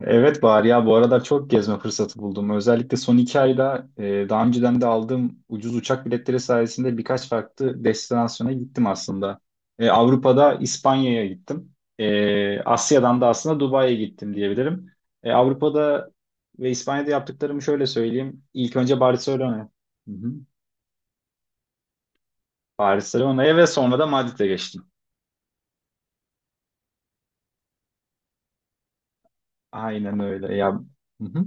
Evet Bahar ya bu aralar çok gezme fırsatı buldum. Özellikle son 2 ayda daha önceden de aldığım ucuz uçak biletleri sayesinde birkaç farklı destinasyona gittim aslında. Avrupa'da İspanya'ya gittim. Asya'dan da aslında Dubai'ye gittim diyebilirim. Avrupa'da ve İspanya'da yaptıklarımı şöyle söyleyeyim. İlk önce Barcelona. Hı hı. Barcelona'ya ve sonra da Madrid'e geçtim. Aynen öyle ya. Hı hı.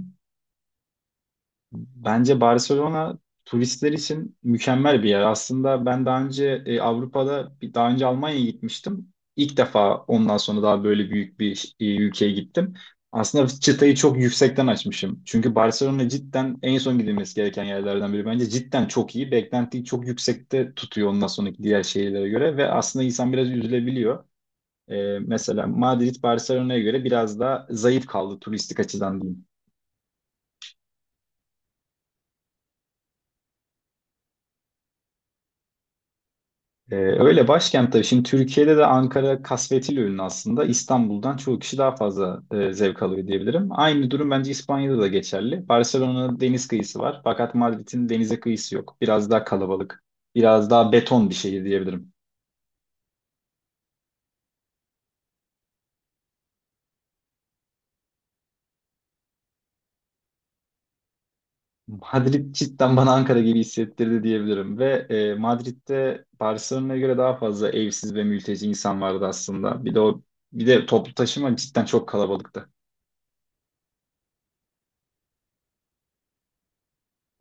Bence Barcelona turistler için mükemmel bir yer. Aslında ben daha önce e, Avrupa'da bir- daha önce Almanya'ya gitmiştim. İlk defa ondan sonra daha böyle büyük bir ülkeye gittim. Aslında çıtayı çok yüksekten açmışım. Çünkü Barcelona cidden en son gidilmesi gereken yerlerden biri. Bence cidden çok iyi. Beklentiyi çok yüksekte tutuyor ondan sonraki diğer şehirlere göre ve aslında insan biraz üzülebiliyor. Mesela Madrid Barcelona'ya göre biraz daha zayıf kaldı turistik açıdan diyeyim. Öyle başkent tabii. Şimdi Türkiye'de de Ankara kasvetiyle ünlü aslında. İstanbul'dan çoğu kişi daha fazla zevk alıyor diyebilirim. Aynı durum bence İspanya'da da geçerli. Barcelona'nın deniz kıyısı var. Fakat Madrid'in denize kıyısı yok. Biraz daha kalabalık. Biraz daha beton bir şehir diyebilirim. Madrid cidden bana Ankara gibi hissettirdi diyebilirim. Ve Madrid'de Barcelona'ya göre daha fazla evsiz ve mülteci insan vardı aslında. Bir de toplu taşıma cidden çok kalabalıktı.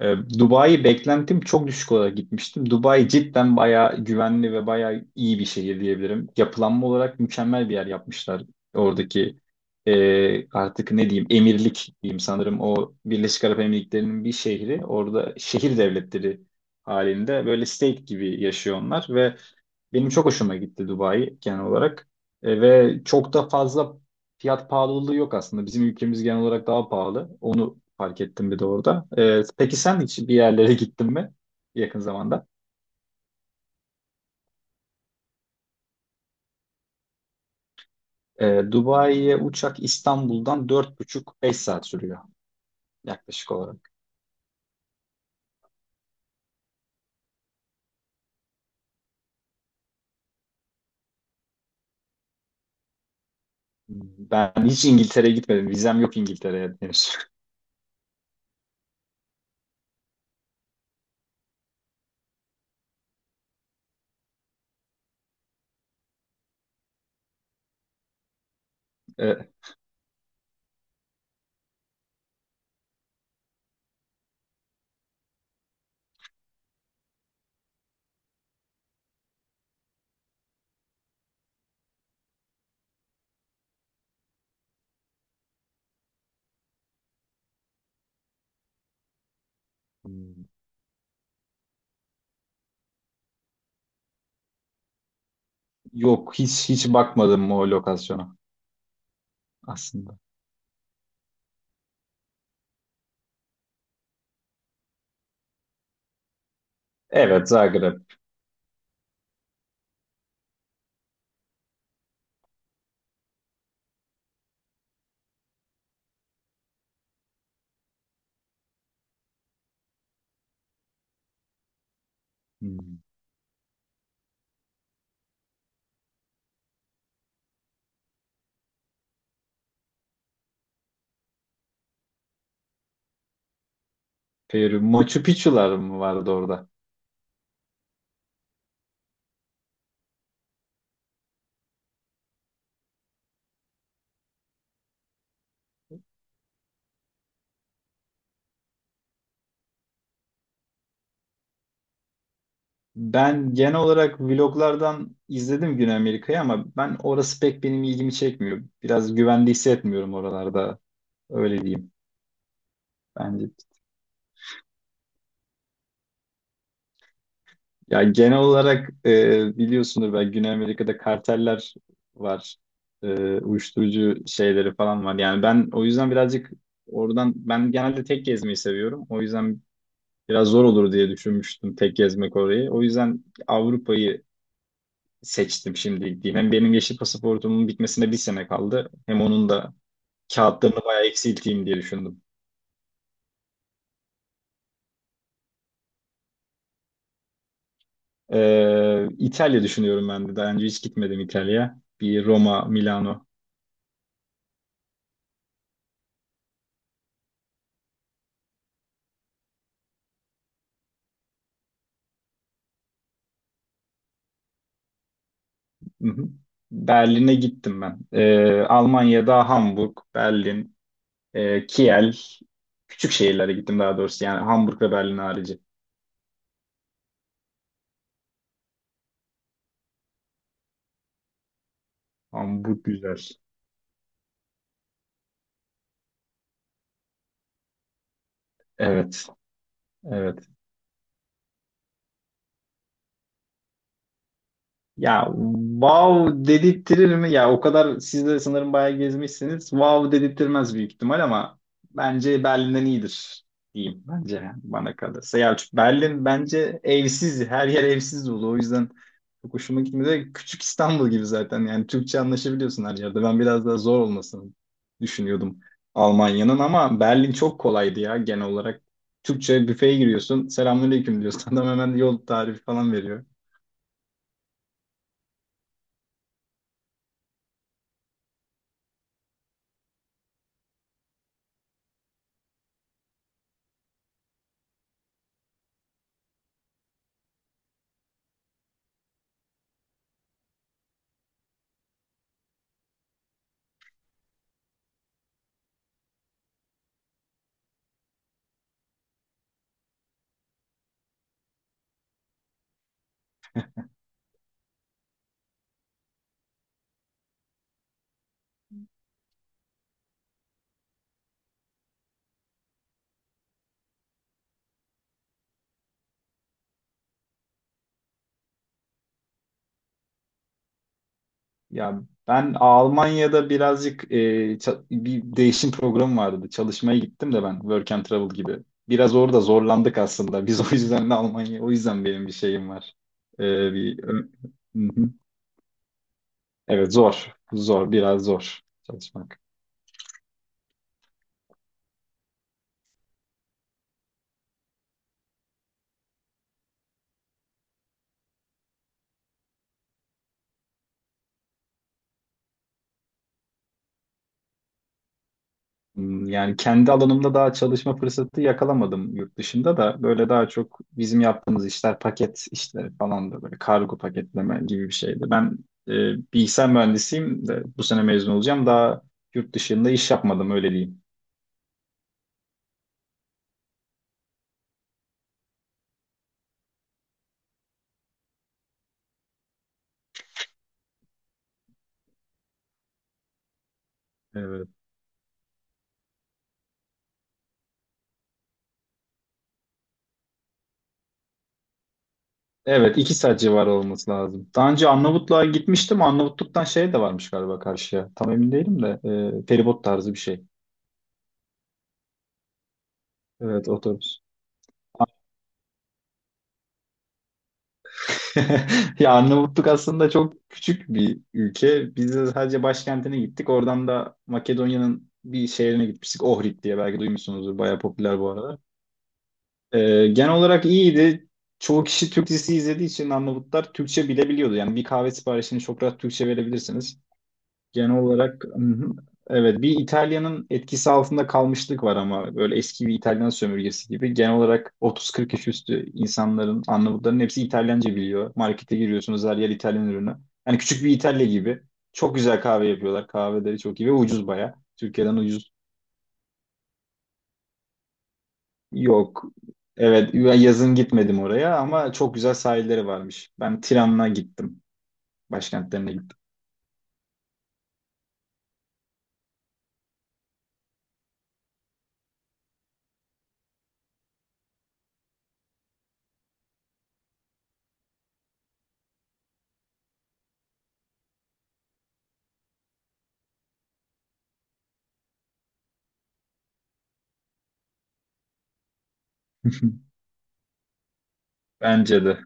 Dubai beklentim çok düşük olarak gitmiştim. Dubai cidden bayağı güvenli ve bayağı iyi bir şehir diyebilirim. Yapılanma olarak mükemmel bir yer yapmışlar. Oradaki artık ne diyeyim emirlik diyeyim sanırım o Birleşik Arap Emirlikleri'nin bir şehri. Orada şehir devletleri halinde böyle state gibi yaşıyor onlar ve benim çok hoşuma gitti Dubai genel olarak. Ve çok da fazla fiyat pahalılığı yok aslında. Bizim ülkemiz genel olarak daha pahalı. Onu fark ettim bir de orada. Peki sen hiç bir yerlere gittin mi yakın zamanda? Dubai'ye uçak İstanbul'dan 4,5-5 saat sürüyor yaklaşık olarak. Ben hiç İngiltere'ye gitmedim. Vizem yok İngiltere'ye henüz. E, Hmm, yok hiç hiç bakmadım o lokasyona aslında. Evet Zagreb. Hmm. Peru. Machu Picchu'lar mı vardı orada? Ben genel olarak vloglardan izledim Güney Amerika'yı ama ben orası pek benim ilgimi çekmiyor. Biraz güvende hissetmiyorum oralarda. Öyle diyeyim bence. Ya genel olarak biliyorsunuz ben Güney Amerika'da karteller var. E, uyuşturucu şeyleri falan var. Yani ben o yüzden birazcık oradan ben genelde tek gezmeyi seviyorum. O yüzden biraz zor olur diye düşünmüştüm tek gezmek orayı. O yüzden Avrupa'yı seçtim şimdi gideyim. Hem benim yeşil pasaportumun bitmesine bir sene kaldı. Hem onun da kağıtlarını bayağı eksilteyim diye düşündüm. İtalya düşünüyorum ben de. Daha önce hiç gitmedim İtalya'ya. Bir Roma, Milano. Hı hı. Berlin'e gittim ben. Almanya'da Hamburg, Berlin, Kiel. Küçük şehirlere gittim daha doğrusu. Yani Hamburg ve Berlin harici. Hamburg güzel. Evet, evet. Ya wow dedirttirir mi? Ya o kadar siz de sanırım bayağı gezmişsiniz. Wow dedirttirmez büyük ihtimal ama bence Berlin'den iyidir diyeyim bence yani bana kalırsa. Ya çünkü Berlin bence evsiz, her yer evsiz dolu. O yüzden çok hoşuma gitmedi. Küçük İstanbul gibi zaten yani Türkçe anlaşabiliyorsun her yerde. Ben biraz daha zor olmasını düşünüyordum Almanya'nın ama Berlin çok kolaydı ya genel olarak. Türkçe büfeye giriyorsun. Selamünaleyküm diyorsun. Adam hemen yol tarifi falan veriyor. Ya ben Almanya'da birazcık bir değişim programı vardı. Çalışmaya gittim de ben Work and Travel gibi. Biraz orada zorlandık aslında. Biz o yüzden de Almanya, o yüzden benim bir şeyim var. E, bir, Ö- Hı hı. Evet zor, zor, biraz zor çalışmak. Yani kendi alanımda daha çalışma fırsatı yakalamadım yurt dışında da. Böyle daha çok bizim yaptığımız işler paket işleri falan da böyle kargo paketleme gibi bir şeydi. Ben e, bilgisayar mühendisiyim de bu sene mezun olacağım. Daha yurt dışında iş yapmadım öyle diyeyim. Evet. Evet 2 saat civarı olması lazım. Daha önce Arnavutluğa gitmiştim. Arnavutluk'tan şey de varmış galiba karşıya. Tam emin değilim de feribot tarzı bir şey. Evet otobüs. Ya Arnavutluk aslında çok küçük bir ülke. Biz de sadece başkentine gittik. Oradan da Makedonya'nın bir şehrine gitmiştik. Ohrid diye belki duymuşsunuzdur. Bayağı popüler bu arada. Genel olarak iyiydi. Çoğu kişi Türk dizisi izlediği için Arnavutlar Türkçe bilebiliyordu. Yani bir kahve siparişini çok rahat Türkçe verebilirsiniz. Genel olarak hı hı. Evet bir İtalya'nın etkisi altında kalmışlık var ama böyle eski bir İtalyan sömürgesi gibi. Genel olarak 30-40 yaş üstü insanların, Arnavutların hepsi İtalyanca biliyor. Markete giriyorsunuz her yer İtalyan ürünü. Yani küçük bir İtalya gibi. Çok güzel kahve yapıyorlar. Kahveleri çok iyi ve ucuz baya. Türkiye'den ucuz yok. Evet ben yazın gitmedim oraya ama çok güzel sahilleri varmış. Ben Tiran'a gittim. Başkentlerine gittim. Bence de.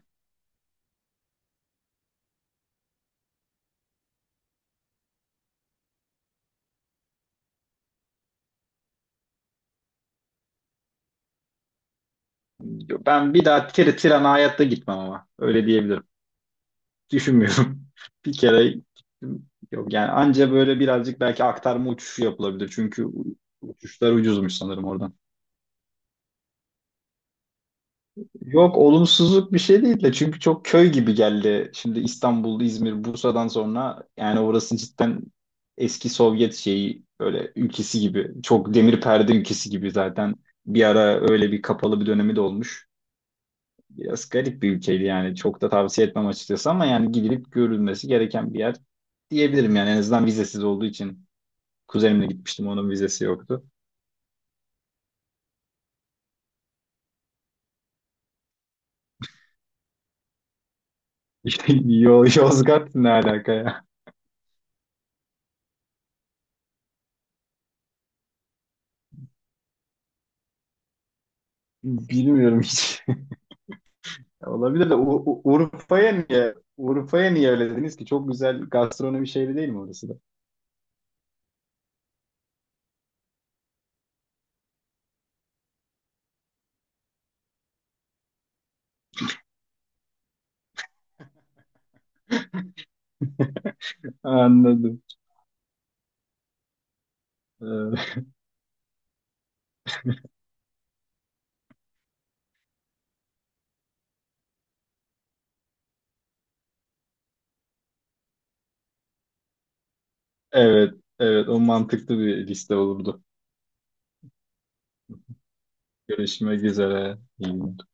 Ben bir daha Tiran'a hayatta gitmem ama. Öyle diyebilirim. Düşünmüyorum. Bir kere gittim. Yok yani anca böyle birazcık belki aktarma uçuşu yapılabilir. Çünkü uçuşlar ucuzmuş sanırım oradan. Yok olumsuzluk bir şey değil de çünkü çok köy gibi geldi. Şimdi İstanbul, İzmir, Bursa'dan sonra yani orası cidden eski Sovyet şeyi böyle ülkesi gibi. Çok demir perde ülkesi gibi zaten. Bir ara öyle bir kapalı bir dönemi de olmuş. Biraz garip bir ülkeydi yani. Çok da tavsiye etmem açıkçası ama yani gidilip görülmesi gereken bir yer diyebilirim yani. En azından vizesiz olduğu için. Kuzenimle gitmiştim onun vizesi yoktu. İşte Yozgat ne alaka ya? Bilmiyorum hiç. Olabilir de Urfa'ya niye? Urfa'ya niye öyle dediniz ki? Çok güzel gastronomi şehri değil mi orası da? Anladım. Ee, Evet, evet o mantıklı bir liste olurdu. Görüşmek üzere. İyi günler.